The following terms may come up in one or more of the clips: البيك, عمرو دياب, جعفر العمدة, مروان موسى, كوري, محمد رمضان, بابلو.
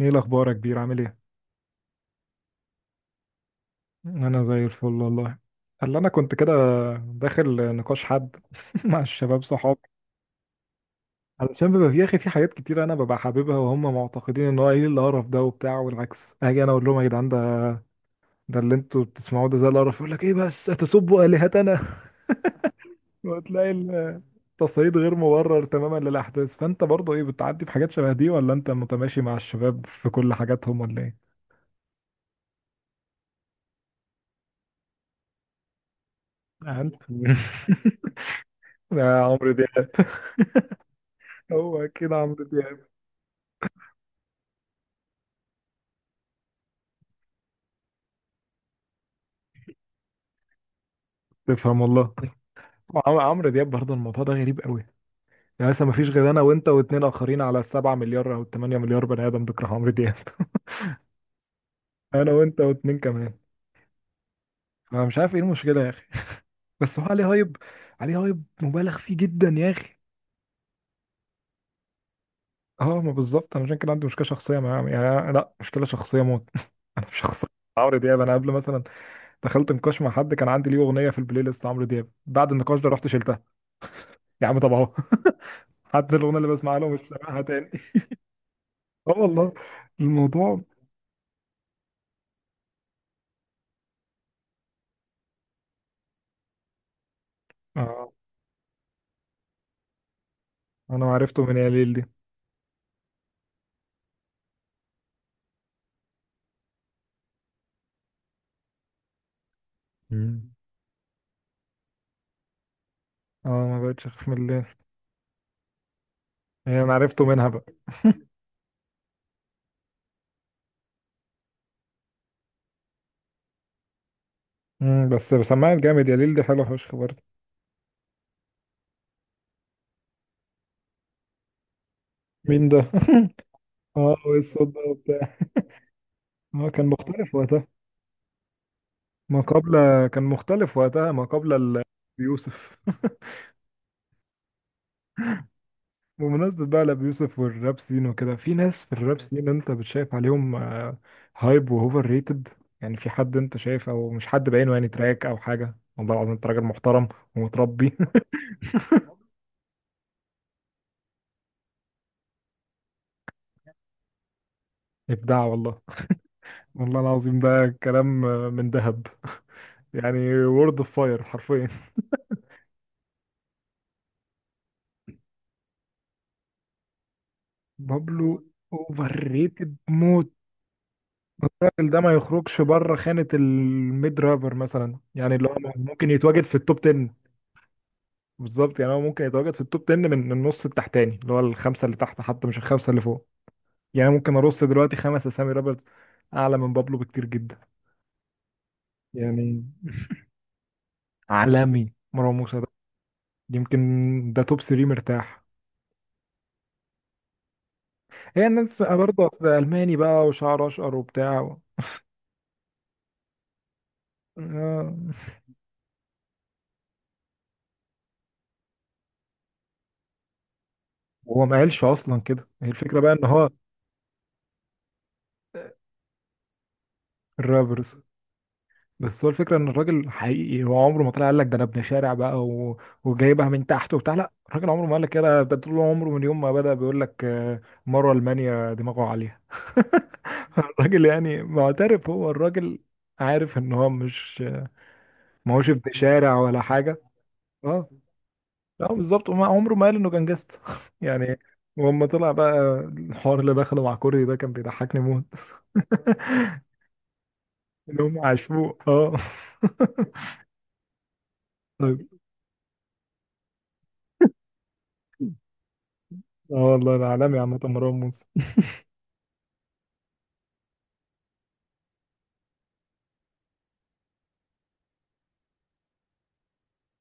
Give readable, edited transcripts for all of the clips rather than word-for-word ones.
ايه الاخبار يا كبير؟ عامل ايه؟ انا زي الفل والله. قال انا كنت كده داخل نقاش حد مع الشباب صحابي. علشان بيبقى في يا اخي، في حاجات كتير انا ببقى حاببها وهم معتقدين ان هو ايه القرف ده وبتاع، والعكس اجي انا اقول لهم يا جدعان، ده اللي انتوا بتسمعوه ده زي القرف، يقول لك ايه بس تسبوا الهتنا. وتلاقي التصعيد غير مبرر تماما للاحداث. فانت برضه ايه، بتعدي بحاجات شبه دي ولا انت متماشي مع الشباب في كل حاجاتهم ولا ايه؟ انت يا عمرو دياب. هو كده عمرو دياب؟ تفهم والله. عمرو دياب برضه الموضوع ده غريب قوي. يعني مثلا ما فيش غير انا وانت واتنين اخرين على السبعة مليار او التمانية مليار بني ادم بيكره عمرو دياب. انا وانت واتنين كمان. انا مش عارف ايه المشكلة يا اخي، بس هو عليه هايب، عليه هايب مبالغ فيه جدا يا اخي. اه، ما بالظبط. انا عشان كده عندي مشكلة شخصية مع، يعني لا مشكلة شخصية موت. انا مش شخصية مع عمرو دياب. انا قبل مثلا دخلت نقاش مع حد، كان عندي ليه اغنية في البلاي ليست عمرو دياب، بعد النقاش ده رحت شلتها. يا عم طب اهو. حتى الاغنية اللي بسمعها له مش سامعها تاني. اه والله. الموضوع اه. انا عرفته من ياليل دي. مم. اه، ما بقتش اخاف من الليل. هي انا عرفته منها بقى. امم، بس سماعة جامد، ياليل دي حلوه فشخ برضه. مين ده؟ اه، وايه الصوت ده وبتاع. اه كان مختلف وقتها ما قبل. كان مختلف وقتها ما قبل بيوسف. بمناسبة بقى لأبي يوسف والراب سين وكده، في ناس في الراب سين انت بتشايف عليهم هايب واوفر ريتد؟ يعني في حد انت شايف، او مش حد بعينه، يعني تراك او حاجة، والله العظيم انت راجل محترم ومتربي. ابداع والله. والله العظيم ده كلام من ذهب. يعني وورد اوف فاير حرفيا. بابلو اوفر ريتد موت. الراجل ده ما يخرجش بره خانة الميد رابر مثلا، يعني اللي هو ممكن يتواجد في التوب 10. بالظبط، يعني هو ممكن يتواجد في التوب 10 من النص التحتاني، اللي هو الخمسة اللي تحت، حتى مش الخمسة اللي فوق. يعني ممكن ارص دلوقتي خمس اسامي رابرز اعلى من بابلو بكتير جدا. يعني عالمي مروان موسى ده. يمكن ده توب 3 مرتاح. هي الناس برضه أصل ألماني بقى وشعر أشقر وبتاع و... آه، هو ما قالش أصلا كده. هي الفكرة بقى إن هو الرابرز. بس هو الفكرة إن الراجل حقيقي، هو عمره ما طلع قال لك ده أنا ابن شارع بقى و... وجايبها من تحت وبتاع. لا، الراجل عمره ما قال لك كده. ده طول عمره من يوم ما بدأ بيقول لك مرة ألمانيا، دماغه عالية. الراجل يعني معترف، هو الراجل عارف إن هو مش، ما هوش ابن شارع ولا حاجة. اه اه بالظبط. وما عمره ما قال انه كان جاست. يعني. ولما طلع بقى الحوار اللي دخله مع كوري ده كان بيضحكني موت. اللي هم عاشوه اه. طيب. اه والله، انا عالمي عامة مروان موسى.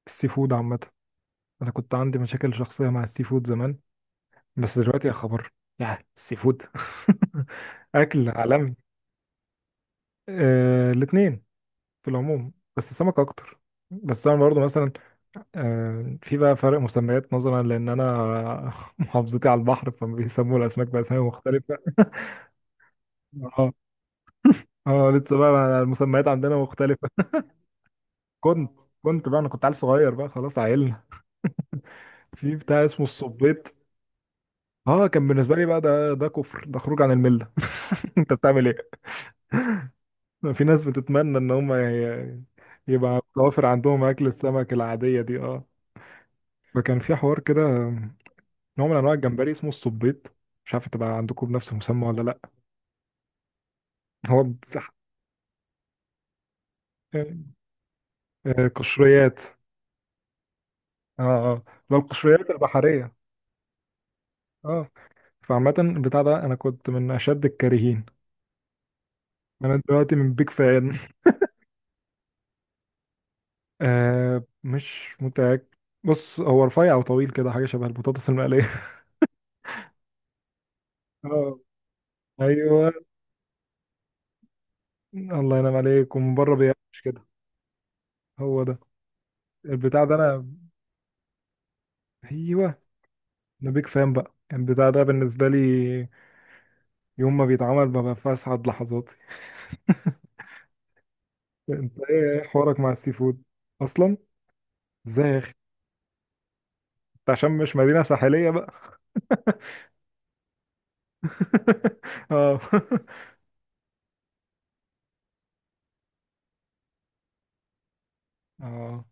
السي فود عامة، انا كنت عندي مشاكل شخصية مع السي فود زمان، بس دلوقتي يا خبر، يا السي فود. اكل عالمي. آه، الاتنين في العموم، بس السمك اكتر. بس انا برضه مثلا في بقى فرق مسميات نظرا لان انا محافظتي على البحر، فبيسموا الاسماك باسامي مختلفه. اه. اه لسه بقى المسميات عندنا مختلفه. كنت. كنت بقى انا كنت عيل صغير بقى، خلاص عيلنا في بتاع اسمه الصبيط. اه كان بالنسبه لي بقى ده كفر، ده خروج عن المله. انت بتعمل ايه؟ في ناس بتتمنى ان هم يبقى متوفر عندهم اكل السمك العاديه دي اه. فكان في حوار كده، نوع من انواع الجمبري اسمه الصبيط، مش عارف تبقى عندكم بنفس المسمى ولا لا. هو بتاع- قشريات. اه. اه، لو القشريات البحرية. اه، فعامة البتاع ده انا كنت من اشد الكارهين. انا دلوقتي من بيك فان. آه مش متأكد. بص، هو رفيع او طويل كده، حاجة شبه البطاطس المقلية. اه، ايوه، الله ينعم عليك، ومن بره بيقفش كده. هو ده. البتاع ده انا، ايوه، انا بيك فان بقى. البتاع ده بالنسبة لي يوم ما بيتعمل ببقى في اسعد لحظاتي. انت ايه، إيه حوارك مع السي فود اصلا؟ ازاي؟ عشان مش مدينة ساحلية بقى. اه. اه،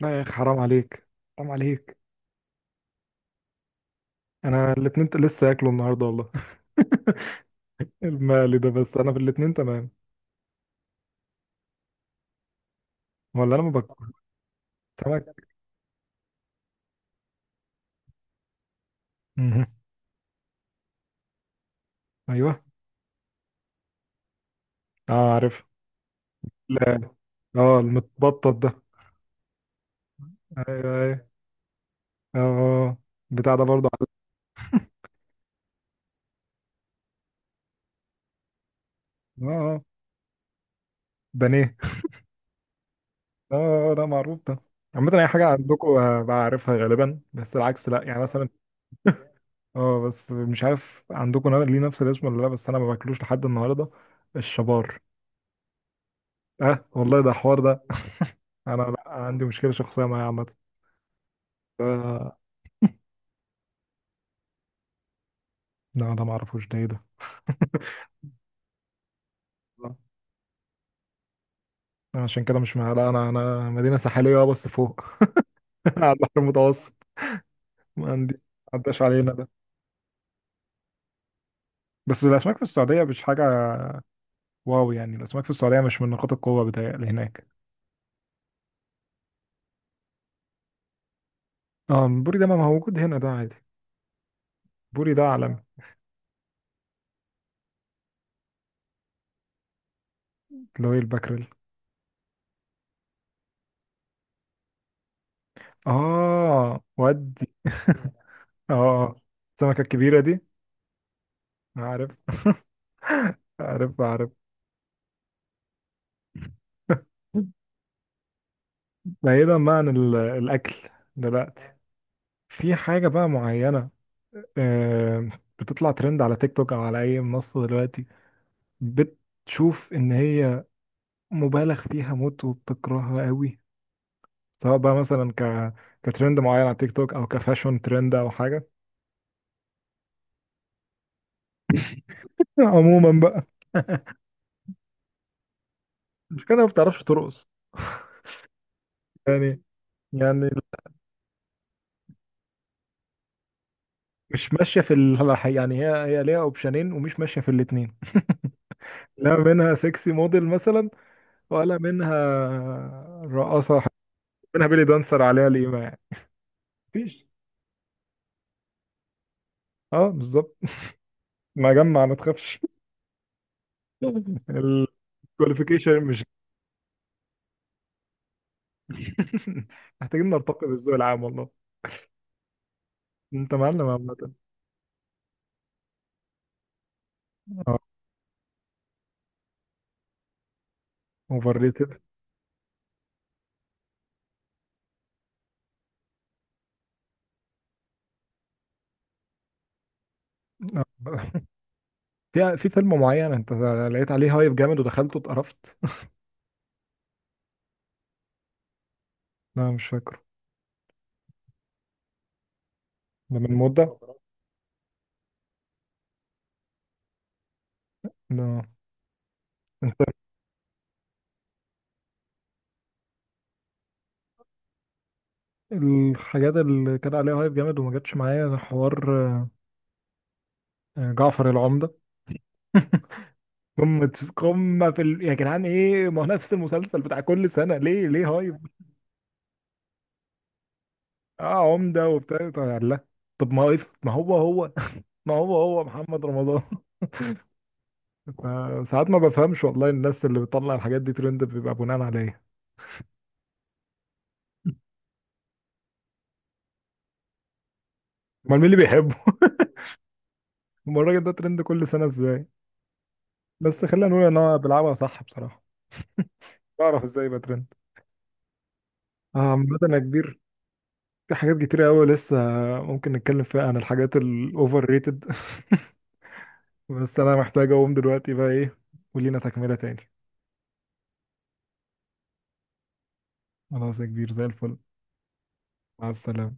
لا يا اخي حرام عليك، حرام عليك. انا الاتنين لسه هاكله النهارده والله. المقلي ده، بس انا في الاتنين تمام. ولا انا ما باكل سمك. مهم. ايوه. اه عارف. لا. اه المتبطط ده. ايوه ايوه. اه آه. آه. بتاع ده برضه عارف. اه آه. بانيه. اه ده معروف ده. عامة أي حاجة عندكم بعرفها غالبا، بس العكس لأ يعني مثلا. اه، بس مش عارف عندكم ليه نفس الاسم ولا لا، بس انا ما باكلوش لحد النهارده، الشبار. اه والله ده حوار ده. انا لا عندي مشكله شخصيه معاه عامه. لا ده ما اعرفوش، ده ايه ده؟ لا، أنا عشان كده مش مع، لا انا انا مدينه ساحليه اه بس فوق. على البحر المتوسط. ما عندي، ما عداش علينا ده. بس الاسماك في السعوديه مش حاجه. واو، يعني الاسماك في السعوديه مش من نقاط القوه بتاعي هناك. اه البوري ده ما هو موجود هنا ده عادي. البوري ده عالمي. اللي هو الباكريل. اه ودي. اه، السمكه الكبيره دي. عارف. عارف عارف. بعيدا بقى عن الاكل دلوقتي، في حاجه بقى معينه آه، بتطلع ترند على تيك توك او على اي منصه دلوقتي، بتشوف ان هي مبالغ فيها موت وبتكرهها قوي؟ سواء بقى مثلا كترند معين على تيك توك، او كفاشون ترند، او حاجه عموما بقى. مش كده، ما بتعرفش ترقص. يعني، يعني مش ماشيه في ال... يعني هي، هي ليها اوبشنين ومش ماشيه في الاثنين. لا منها سexy موديل مثلا، ولا منها رقاصة حتى، منها بيلي دانسر عليها القيمة يعني. مفيش. اه بالظبط. ما جمع ما تخافش. الكواليفيكيشن مش. محتاجين نرتقي بالذوق العام والله. انت معلم عامة. اوفر ريتد. في فيلم معين انت لقيت عليه هايب جامد ودخلته اتقرفت؟ لا مش فاكره. ده من مدة. لا. الحاجات اللي كان عليها هايب جامد وما جاتش معايا ده حوار. جعفر العمدة. قمة قمة في ال... يا جدعان ايه، ما هو نفس المسلسل بتاع كل سنة، ليه ليه هايب؟ اه عمدة وبتاع طب لا. طب ما هو ما هو هو، ما هو هو محمد رمضان. ساعات ما بفهمش والله. الناس اللي بتطلع الحاجات دي ترند بيبقى بناء على ايه؟ امال مين اللي بيحبه؟ امال الراجل ده ترند كل سنة ازاي؟ بس خلينا نقول ان هو بيلعبها صح بصراحة، بعرف ازاي يبقى ترند. عامة يا كبير، في حاجات كتير قوي لسه ممكن نتكلم فيها عن الحاجات الاوفر ريتد. بس انا محتاج اقوم دلوقتي بقى ايه، ولينا تكملة تاني. خلاص يا كبير، زي الفل. مع السلامة.